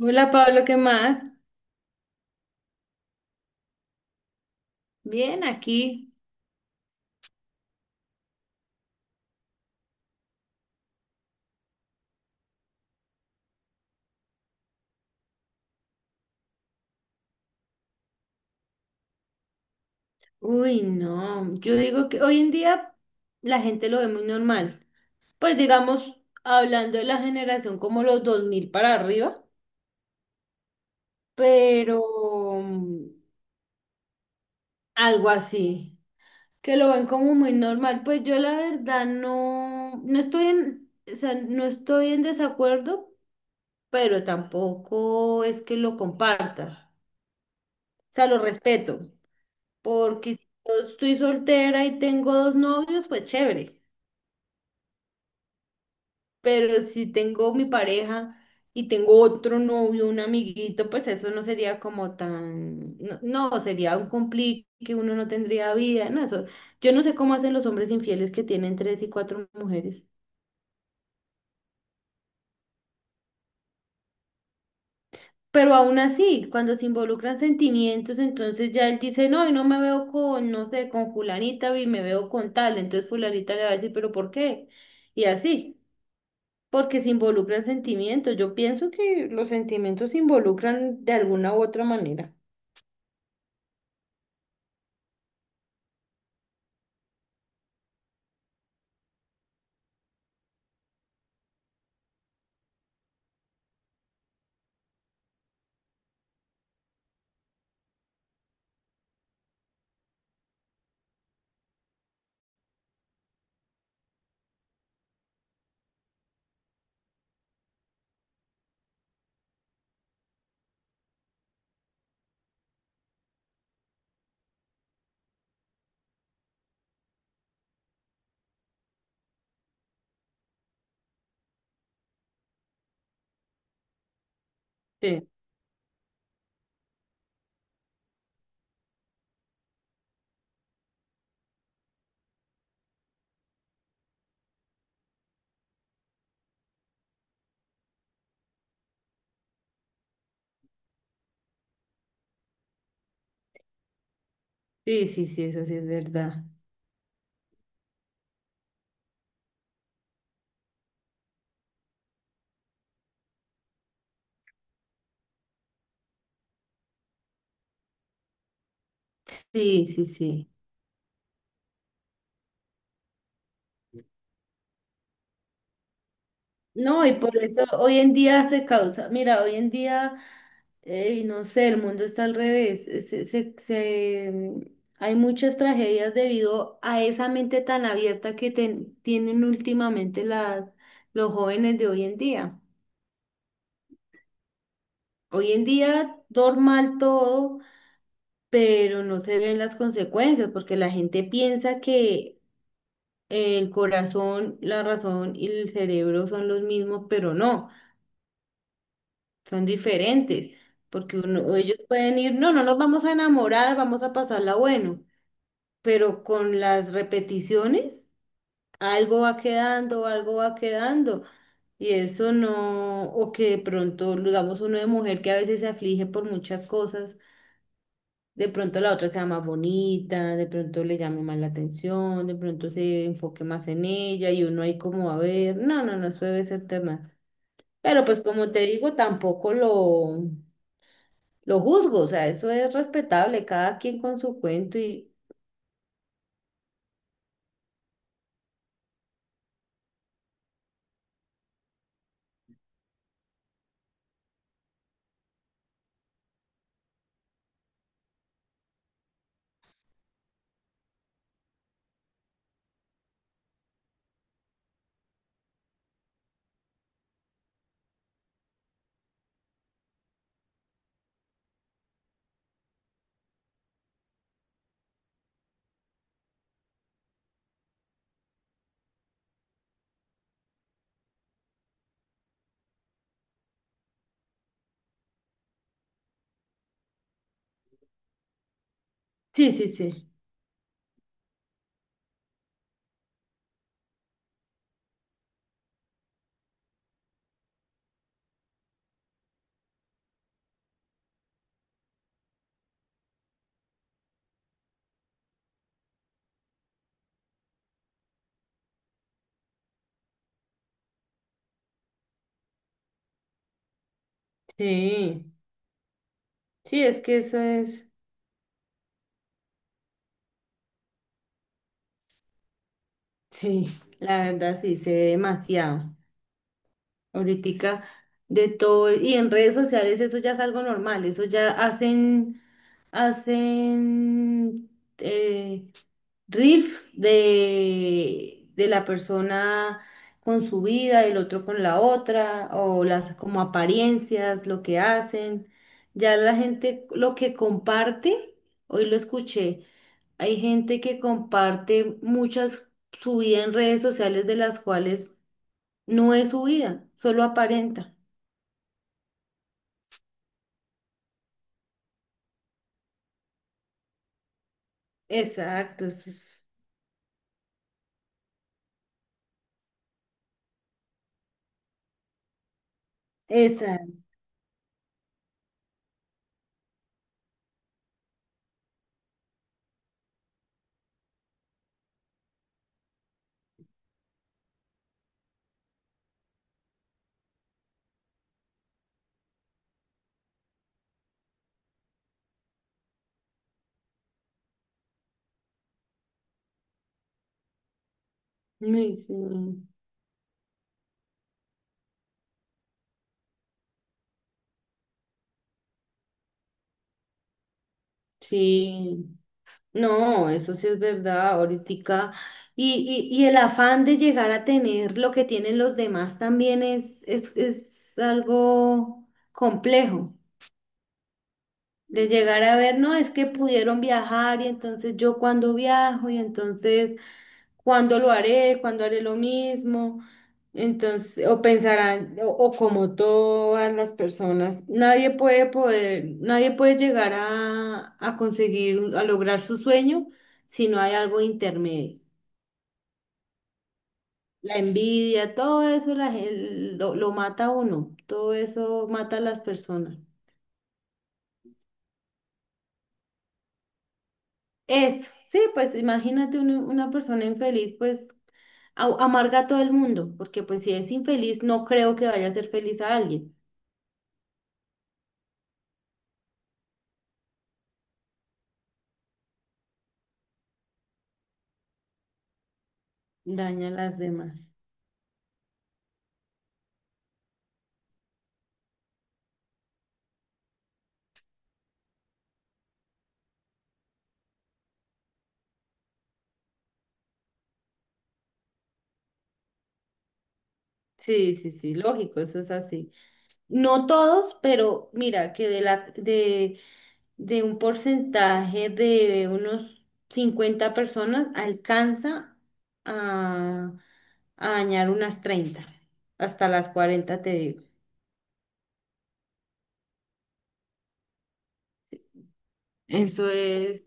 Hola Pablo, ¿qué más? Bien, aquí. Uy, no, yo digo que hoy en día la gente lo ve muy normal. Pues digamos, hablando de la generación como los 2000 para arriba, pero mm, algo así, que lo ven como muy normal. Pues yo la verdad no estoy en, o sea, no estoy en desacuerdo, pero tampoco es que lo comparta. O sea, lo respeto. Porque si yo estoy soltera y tengo dos novios, pues chévere. Pero si tengo mi pareja y tengo otro novio, un amiguito, pues eso no sería como tan, no, no, sería un complique, que uno no tendría vida, no, eso. Yo no sé cómo hacen los hombres infieles que tienen tres y cuatro mujeres. Pero aún así, cuando se involucran sentimientos, entonces ya él dice, no, y no me veo con, no sé, con fulanita, y me veo con tal. Entonces fulanita le va a decir, pero ¿por qué? Y así. Porque se involucran sentimientos. Yo pienso que los sentimientos se involucran de alguna u otra manera. Sí, sí, sí, sí, eso sí es verdad. Sí, sí, sí. No, y por eso hoy en día se causa, mira, hoy en día, no sé, el mundo está al revés. Hay muchas tragedias debido a esa mente tan abierta que tienen últimamente los jóvenes de hoy en día. Hoy en día, normal todo, pero no se ven las consecuencias porque la gente piensa que el corazón, la razón y el cerebro son los mismos, pero no, son diferentes, porque ellos pueden ir, no nos vamos a enamorar, vamos a pasarla bueno, pero con las repeticiones algo va quedando, algo va quedando. Y eso no, o que de pronto, digamos, uno de mujer que a veces se aflige por muchas cosas. De pronto la otra sea más bonita, de pronto le llame más la atención, de pronto se enfoque más en ella y uno ahí como a ver, no, no, no, eso debe ser temas. Pero pues como te digo, tampoco lo juzgo, o sea, eso es respetable, cada quien con su cuento y. Sí, sí, sí, sí, sí, es que eso es, sí, la verdad sí, sé demasiado. Ahoritica de todo, y en redes sociales eso ya es algo normal, eso ya hacen, hacen eh, reels de la persona con su vida, el otro con la otra, o las como apariencias, lo que hacen. Ya la gente lo que comparte, hoy lo escuché, hay gente que comparte muchas su vida en redes sociales de las cuales no es su vida, solo aparenta. Exacto, eso es. Exacto. Ay, sí, sí. No, eso sí es verdad, ahorita. Y el afán de llegar a tener lo que tienen los demás también es algo complejo. De llegar a ver, no, es que pudieron viajar y entonces yo cuando viajo y entonces, ¿cuándo lo haré? ¿Cuándo haré lo mismo? Entonces, o pensarán, o como todas las personas, nadie puede poder, nadie puede llegar a, conseguir, a lograr su sueño si no hay algo intermedio. La envidia, todo eso la lo mata a uno, todo eso mata a las personas. Eso, sí, pues imagínate una persona infeliz, pues amarga a todo el mundo, porque pues si es infeliz, no creo que vaya a ser feliz a alguien. Daña a las demás. Sí, sí, sí, lógico, eso es así. No todos, pero mira que de un porcentaje de unos 50 personas alcanza a, a, dañar unas 30, hasta las 40 te digo. Eso es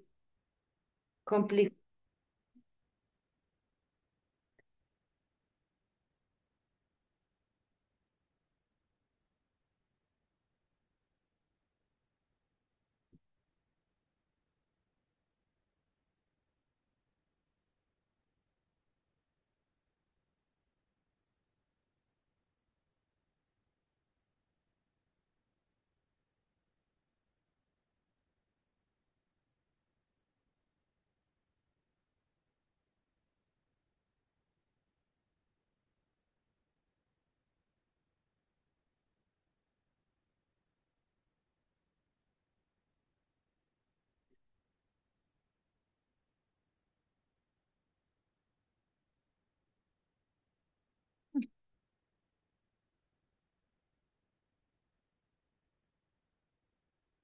complicado.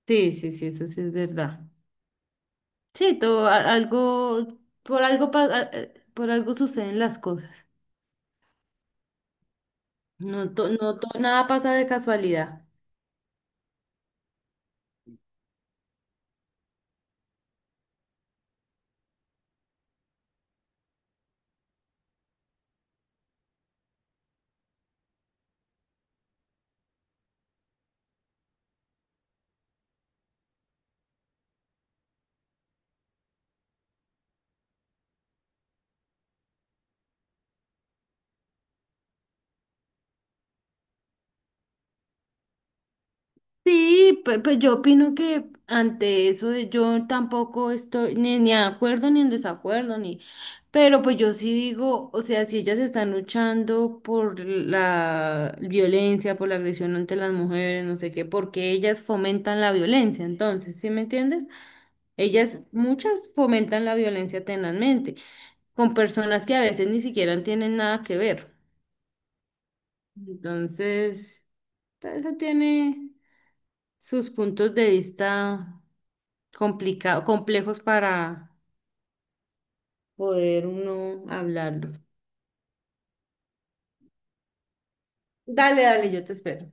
Sí, sí, sí, eso sí es verdad. Sí, todo algo por algo por algo suceden las cosas. Nada pasa de casualidad. Sí, pues, yo opino que ante eso yo tampoco estoy ni de acuerdo ni en desacuerdo, ni, pero pues yo sí digo, o sea, si ellas están luchando por la violencia, por la agresión ante las mujeres, no sé qué, porque ellas fomentan la violencia, entonces, ¿sí me entiendes? Ellas, muchas fomentan la violencia tenazmente, con personas que a veces ni siquiera tienen nada que ver. Entonces, eso tiene sus puntos de vista complicados, complejos para poder uno hablarlos. Dale, dale, yo te espero.